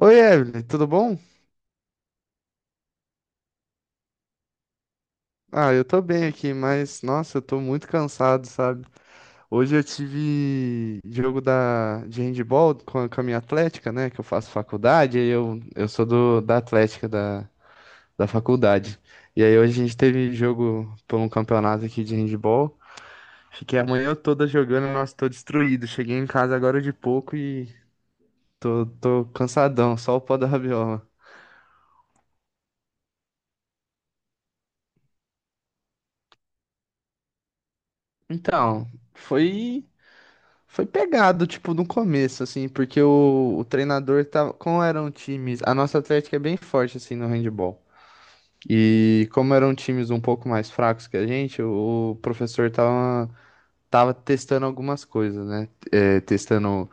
Oi, Evelyn, tudo bom? Ah, eu tô bem aqui, mas nossa, eu tô muito cansado, sabe? Hoje eu tive jogo de handball com a minha atlética, né? Que eu faço faculdade, aí eu sou da atlética da faculdade. E aí hoje a gente teve jogo por um campeonato aqui de handball. Fiquei a manhã toda jogando, nossa, tô destruído. Cheguei em casa agora de pouco e tô cansadão, só o pó da rabiola. Então, foi. Foi pegado, tipo, no começo, assim, porque o treinador tava. Como eram times. A nossa Atlética é bem forte, assim, no handball. E como eram times um pouco mais fracos que a gente, professor tava testando algumas coisas, né? É, testando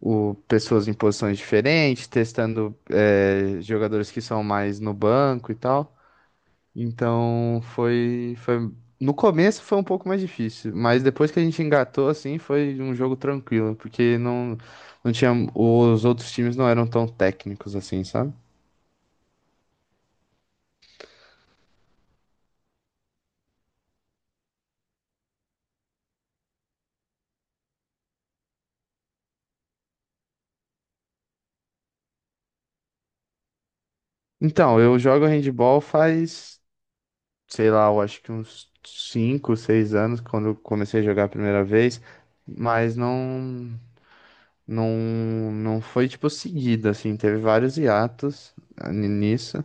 pessoas em posições diferentes, testando jogadores que são mais no banco e tal. Então foi. No começo foi um pouco mais difícil, mas depois que a gente engatou, assim, foi um jogo tranquilo, porque não tinha. Os outros times não eram tão técnicos assim, sabe? Então, eu jogo handball faz, sei lá, eu acho que uns 5 6 anos, quando eu comecei a jogar a primeira vez, mas não foi, tipo, seguido, assim, teve vários hiatos nisso.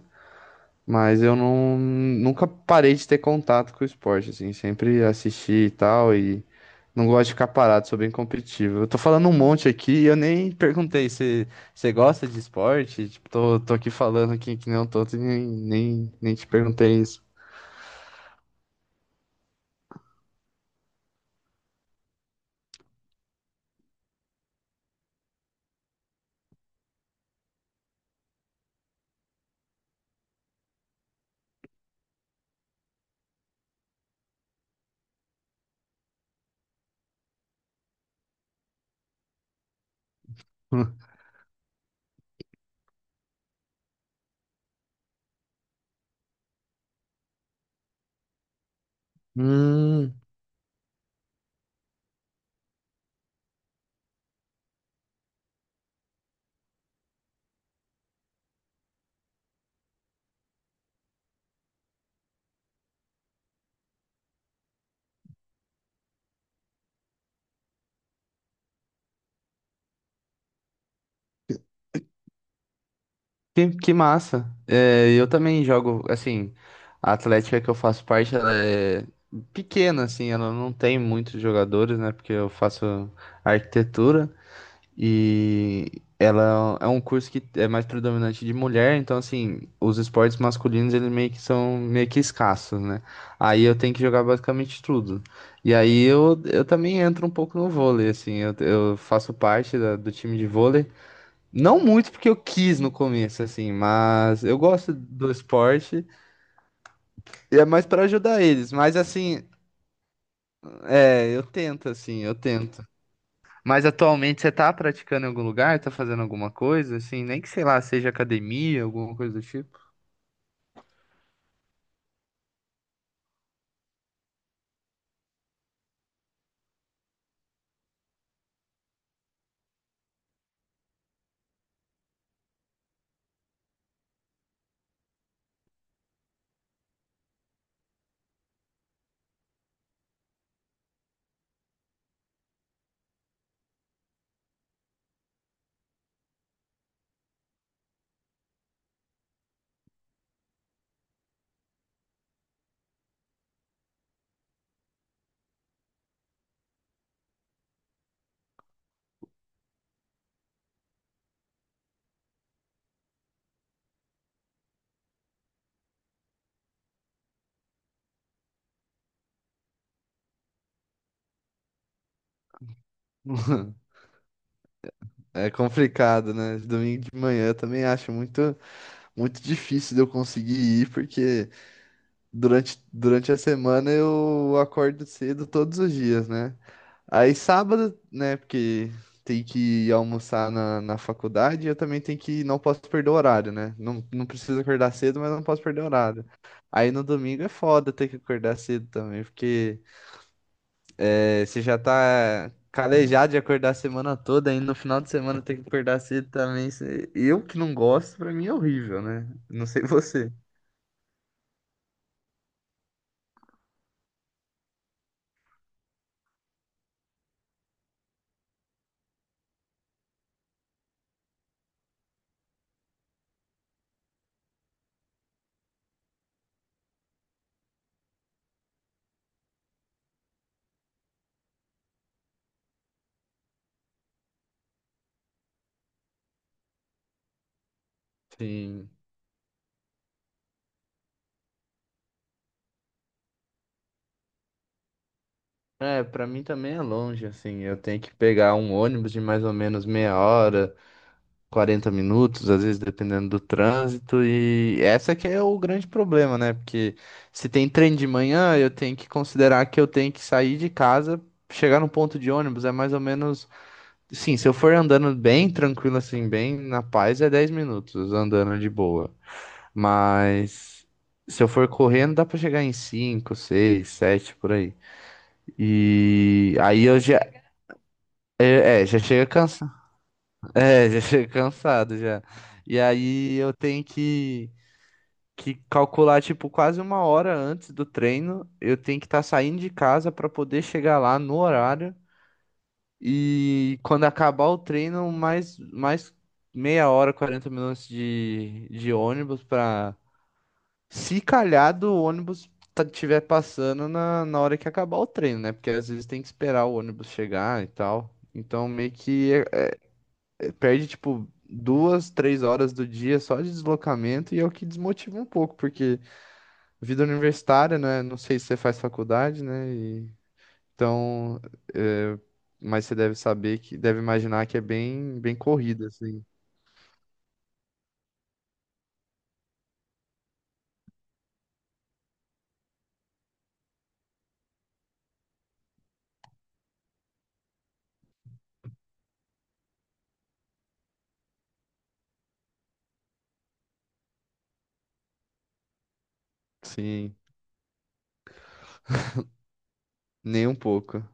Mas eu não, nunca parei de ter contato com o esporte, assim, sempre assisti e tal, e não gosto de ficar parado, sou bem competitivo. Eu tô falando um monte aqui e eu nem perguntei se você gosta de esporte, tipo, tô aqui falando aqui que nem um tonto e nem te perguntei isso. Hum, que massa. É, eu também jogo, assim, a Atlética que eu faço parte, ela é pequena, assim, ela não tem muitos jogadores, né, porque eu faço arquitetura. E ela é um curso que é mais predominante de mulher, então assim, os esportes masculinos eles meio que são meio que escassos, né? Aí eu tenho que jogar basicamente tudo. E aí eu também entro um pouco no vôlei, assim, eu faço parte do time de vôlei. Não muito porque eu quis no começo, assim, mas eu gosto do esporte e é mais para ajudar eles. Mas assim, eu tento, assim, eu tento. Mas atualmente você tá praticando em algum lugar? Tá fazendo alguma coisa, assim? Nem que, sei lá, seja academia, alguma coisa do tipo. É complicado, né? Domingo de manhã eu também acho muito, muito difícil de eu conseguir ir, porque durante a semana eu acordo cedo todos os dias, né? Aí sábado, né, porque tem que ir almoçar na faculdade, eu também não posso perder o horário, né? Não, não preciso acordar cedo, mas não posso perder o horário. Aí no domingo é foda ter que acordar cedo também, porque você já tá calejado de acordar a semana toda, aí no final de semana tem que acordar cedo também. Eu que não gosto, pra mim é horrível, né? Não sei você. Sim. É, pra mim também é longe, assim. Eu tenho que pegar um ônibus de mais ou menos meia hora. 40 minutos, às vezes dependendo do trânsito, e essa que é o grande problema, né? Porque se tem trem de manhã, eu tenho que considerar que eu tenho que sair de casa, chegar no ponto de ônibus, é mais ou menos, sim, se eu for andando bem tranquilo assim, bem na paz, é 10 minutos andando de boa. Mas se eu for correndo, dá pra chegar em 5, 6, 7 por aí. E aí eu já chega cansado. É, já chego cansado já. E aí eu tenho que calcular, tipo, quase uma hora antes do treino. Eu tenho que estar saindo de casa para poder chegar lá no horário. E quando acabar o treino, mais meia hora, 40 minutos de ônibus para se calhar do ônibus tiver passando na hora que acabar o treino, né? Porque às vezes tem que esperar o ônibus chegar e tal. Então meio que perde, tipo, duas, três horas do dia só de deslocamento e é o que desmotiva um pouco, porque vida universitária, né? Não sei se você faz faculdade, né? Então, é, mas você deve saber que, deve imaginar que é bem, bem corrida, assim. Sim, nem um pouco.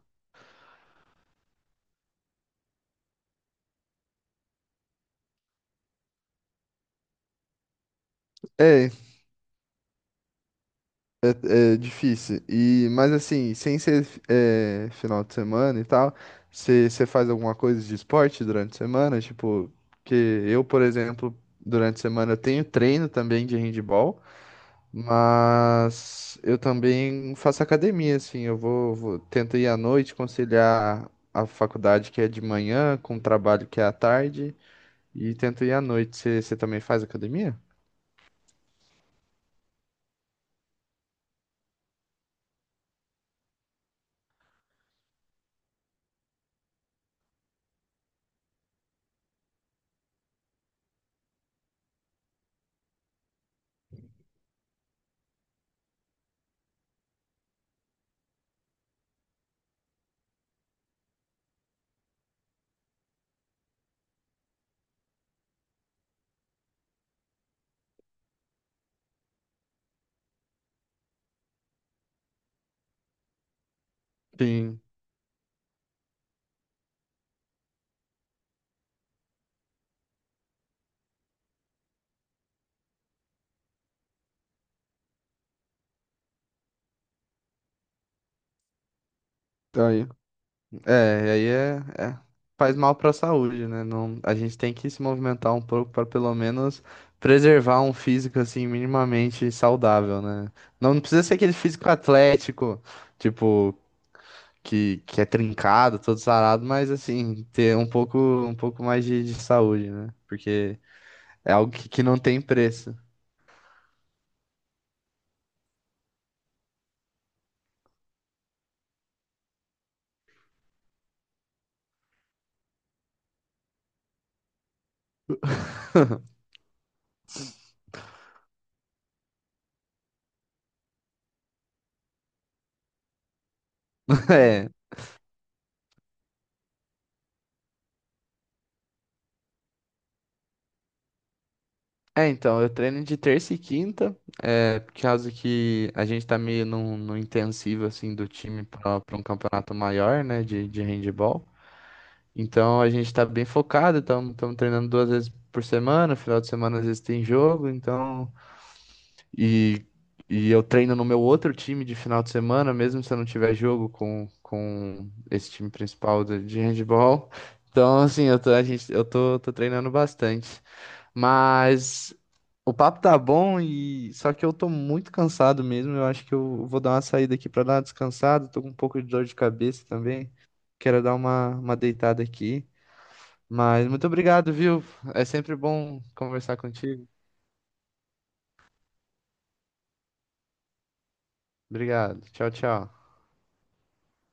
é é difícil. E, mas assim, sem ser final de semana e tal, você faz alguma coisa de esporte durante a semana? Tipo, que eu, por exemplo, durante a semana eu tenho treino também de handball, mas eu também faço academia, assim, eu vou tento ir à noite, conciliar a faculdade que é de manhã com o trabalho que é à tarde, e tento ir à noite. Você também faz academia? Sim. Tá aí. É, e aí é- faz mal para a saúde, né? Não, a gente tem que se movimentar um pouco para pelo menos preservar um físico assim minimamente saudável, né? Não, não precisa ser aquele físico atlético, tipo, que é trincado, todo sarado, mas assim, ter um pouco mais de saúde, né? Porque é algo que não tem preço. É. É, então, eu treino de terça e quinta, por causa que a gente tá meio num intensivo, assim, do time pra um campeonato maior, né, de handebol. Então, a gente tá bem focado, estamos treinando duas vezes por semana, final de semana às vezes tem jogo, então... E, e eu treino no meu outro time de final de semana, mesmo se eu não tiver jogo com esse time principal de handebol. Então, assim, eu tô treinando bastante. Mas o papo tá bom e só que eu tô muito cansado mesmo. Eu acho que eu vou dar uma saída aqui pra dar uma descansada. Tô com um pouco de dor de cabeça também. Quero dar uma deitada aqui. Mas muito obrigado, viu? É sempre bom conversar contigo. Obrigado. Tchau, tchau.